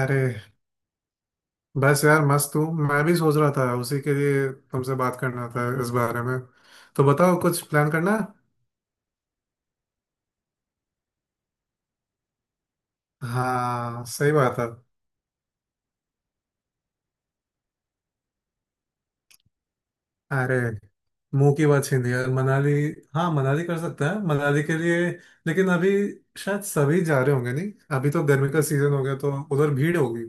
अरे, बस यार मस्त हूँ। मैं भी सोच रहा था, उसी के लिए तुमसे बात करना था इस बारे में। तो बताओ, कुछ प्लान करना है? हाँ सही बात है। अरे, मुंह की बात छीन ली यार, मनाली। हाँ मनाली कर सकते हैं, मनाली के लिए। लेकिन अभी शायद सभी जा रहे होंगे, नहीं? अभी तो गर्मी का सीजन हो गया, तो उधर भीड़ होगी।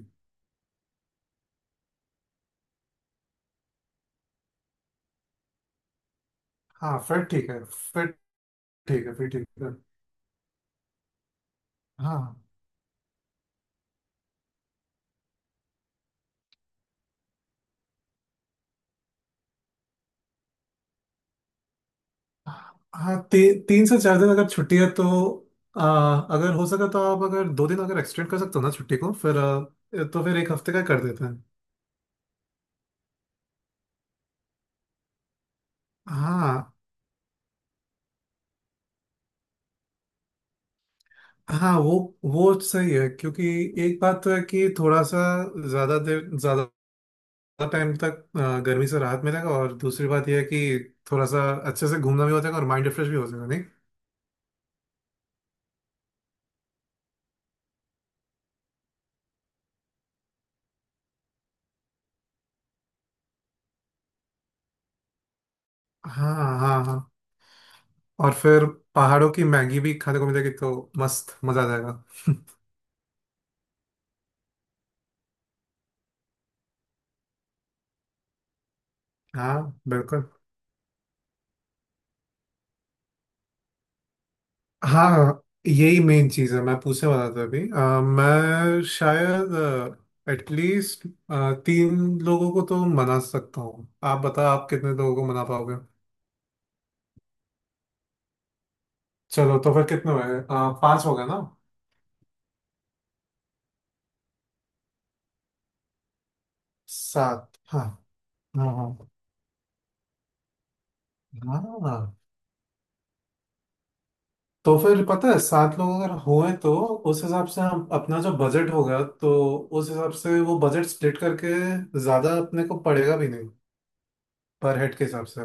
हाँ फिर ठीक है। फिर ठीक है। फिर ठीक है। हाँ हाँ, तीन से चार दिन अगर छुट्टी है तो। अगर हो सका तो आप अगर दो दिन अगर एक्सटेंड कर सकते हो ना छुट्टी को, फिर तो फिर एक हफ्ते का कर देते हैं। हाँ। हाँ, वो सही है, क्योंकि एक बात तो है कि थोड़ा सा ज्यादा देर, ज्यादा टाइम तक गर्मी से राहत मिलेगा, और दूसरी बात यह है कि थोड़ा सा अच्छे से घूमना भी हो जाएगा और माइंड रिफ्रेश भी हो जाएगा, नहीं? हाँ हाँ। हाँ। और फिर पहाड़ों की मैगी भी खाने को मिलेगी, तो मस्त मजा आ जाएगा। हाँ बिल्कुल। हाँ हाँ, यही मेन चीज है, मैं पूछने वाला था अभी। मैं शायद एटलीस्ट तीन लोगों को तो मना सकता हूँ। आप बताओ, आप कितने लोगों को मना पाओगे? चलो, तो फिर कितने हुए, पांच हो गए ना? सात, हाँ हाँ हाँ। हाँ, तो फिर पता है, सात लोग अगर हुए तो उस हिसाब से हम अपना जो बजट होगा, तो उस हिसाब से वो बजट स्प्लिट करके ज्यादा अपने को पड़ेगा भी नहीं। पर हेड के हिसाब से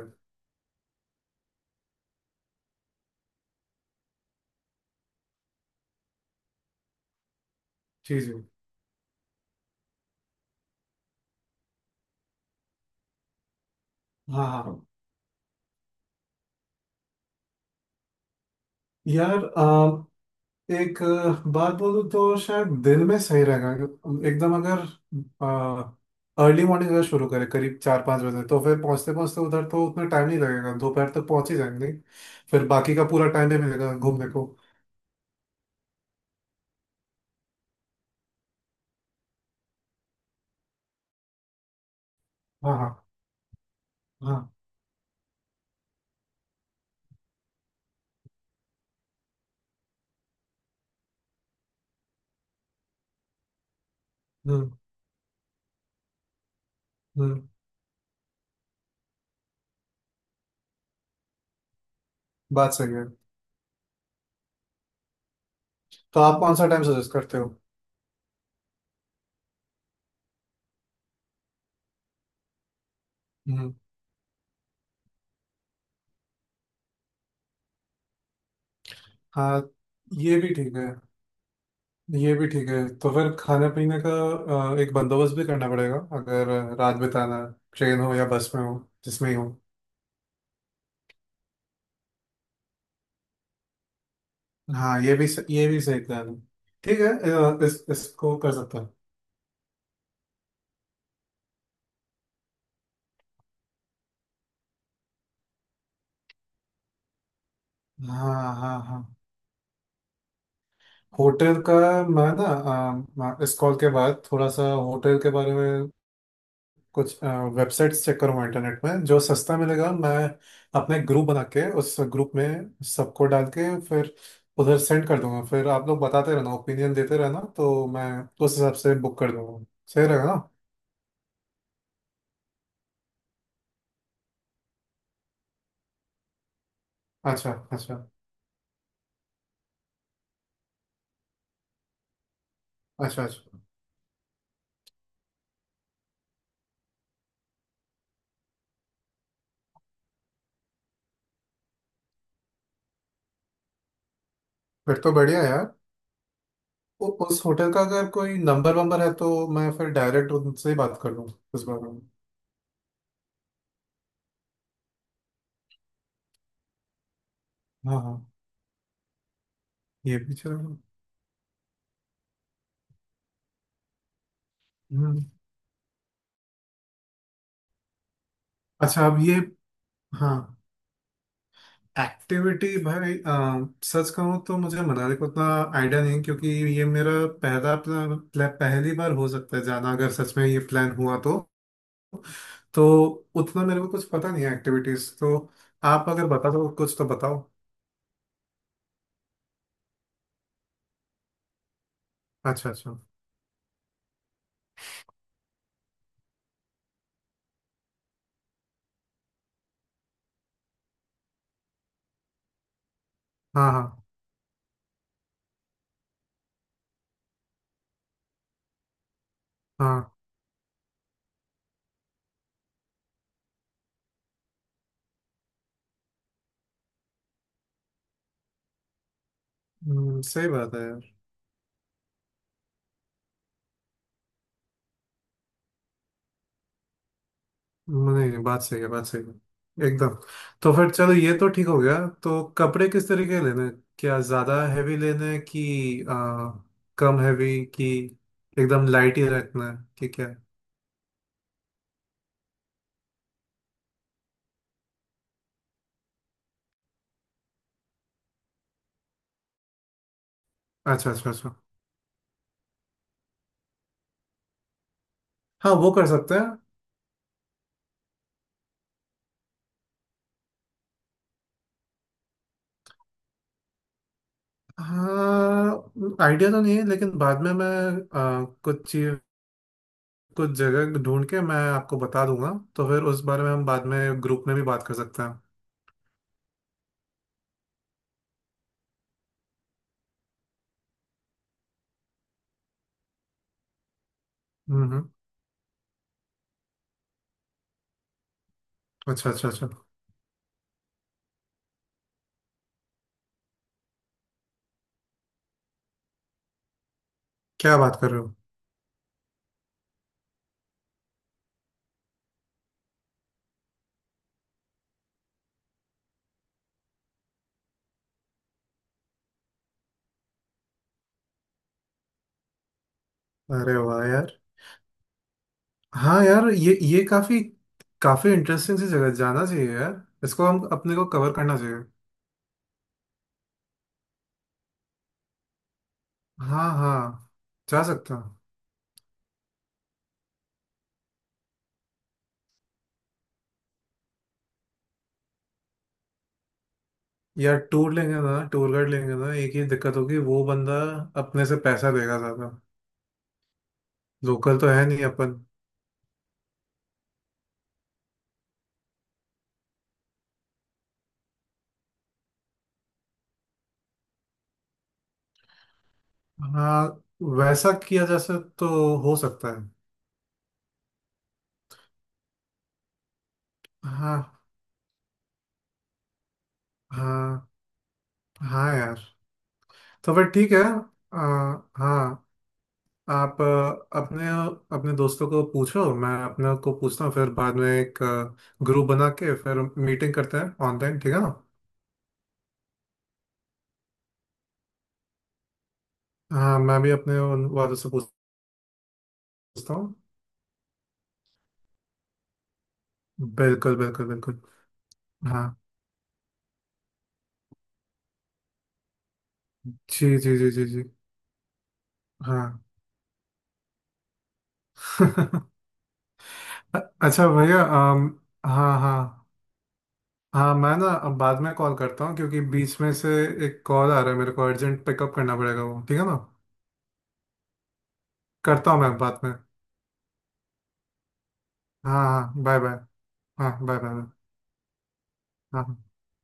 चीज। हाँ हाँ। यार, एक बात बोलूं तो शायद दिन में सही रहेगा। एकदम अगर अर्ली मॉर्निंग अगर शुरू करें करीब चार पाँच बजे, तो फिर पहुंचते पहुंचते उधर तो उतना टाइम नहीं लगेगा, दोपहर तक पहुंच ही जाएंगे। फिर बाकी का पूरा टाइम भी मिलेगा घूमने को। हाँ हाँ हाँ। हम्म हम्म। बात सही है। तो आप कौन सा टाइम सजेस्ट करते हो? हम्म। हाँ, ये भी ठीक है। ये भी ठीक है। तो फिर खाने पीने का एक बंदोबस्त भी करना पड़ेगा, अगर रात बिताना है, ट्रेन हो या बस में हो, जिसमें ही हो। हाँ, ये भी ये भी सही प्लान है। ठीक है, इस इसको कर सकता हूँ। हाँ हाँ हाँ। होटल का, मैं ना इस कॉल के बाद थोड़ा सा होटल के बारे में कुछ वेबसाइट्स चेक करूँगा इंटरनेट में, जो सस्ता मिलेगा। मैं अपने ग्रुप बना के उस ग्रुप में सबको डाल के फिर उधर सेंड कर दूंगा। फिर आप लोग बताते रहना, ओपिनियन देते रहना, तो मैं उस हिसाब से बुक कर दूंगा। सही रहेगा ना? अच्छा अच्छा। अच्छा अच्छा। फिर तो बढ़िया है यार। उस होटल का अगर कोई नंबर वंबर है, तो मैं फिर डायरेक्ट उनसे ही बात कर लूँ इस बारे में। हाँ हाँ। ये भी चलेगा। हम्म। अच्छा, अब ये। हाँ। एक्टिविटी भाई, सच कहूँ तो मुझे मनाली का उतना आइडिया नहीं है, क्योंकि ये मेरा पहली बार हो सकता है जाना, अगर सच में ये प्लान हुआ तो। तो उतना मेरे को कुछ पता नहीं है एक्टिविटीज तो। आप अगर बता दो कुछ तो बताओ। अच्छा अच्छा। हाँ हाँ हाँ। सही बात है। नहीं नहीं, बात सही है, बात सही है एकदम। तो फिर चलो, ये तो ठीक हो गया। तो कपड़े किस तरीके लेने हैं? क्या ज्यादा हैवी लेने हैं, कि कम हैवी, कि एकदम लाइट ही रखना है, कि क्या? अच्छा अच्छा अच्छा। हाँ, वो कर सकते हैं। हाँ, आइडिया तो नहीं है, लेकिन बाद में मैं आ, कुछ चीज कुछ जगह ढूंढ के मैं आपको बता दूंगा, तो फिर उस बारे में हम बाद में ग्रुप में भी बात कर सकते हैं। हम्म। अच्छा अच्छा अच्छा। क्या बात कर रहे हो? अरे वाह यार। हाँ यार, ये काफी काफी इंटरेस्टिंग सी जगह, जाना चाहिए यार, इसको हम अपने को कवर करना चाहिए। हाँ हाँ। जा सकते हैं। यार, टूर लेंगे ना, टूर गाइड लेंगे ना, एक ही दिक्कत होगी, वो बंदा अपने से पैसा देगा ज्यादा। लोकल तो है नहीं अपन। हाँ, वैसा किया जा सक तो हो सकता है। हाँ। हाँ। हाँ यार। तो फिर ठीक है। आ, हाँ। आप अपने अपने दोस्तों को पूछो, मैं अपने को पूछता हूँ, फिर बाद में एक ग्रुप बना के फिर मीटिंग करते हैं ऑनलाइन, ठीक है ना? हाँ, मैं भी अपने उन वालों से पूछता हूँ। बिल्कुल बिल्कुल बिल्कुल। हाँ जी जी जी जी जी। हाँ। अच्छा भैया, हाँ हाँ। हाँ, मैं ना अब बाद में कॉल करता हूँ, क्योंकि बीच में से एक कॉल आ रहा है, मेरे को अर्जेंट पिकअप करना पड़ेगा, वो ठीक है ना? करता हूँ मैं बाद में। हाँ हाँ, बाय बाय। हाँ बाय बाय। हाँ। हाँ।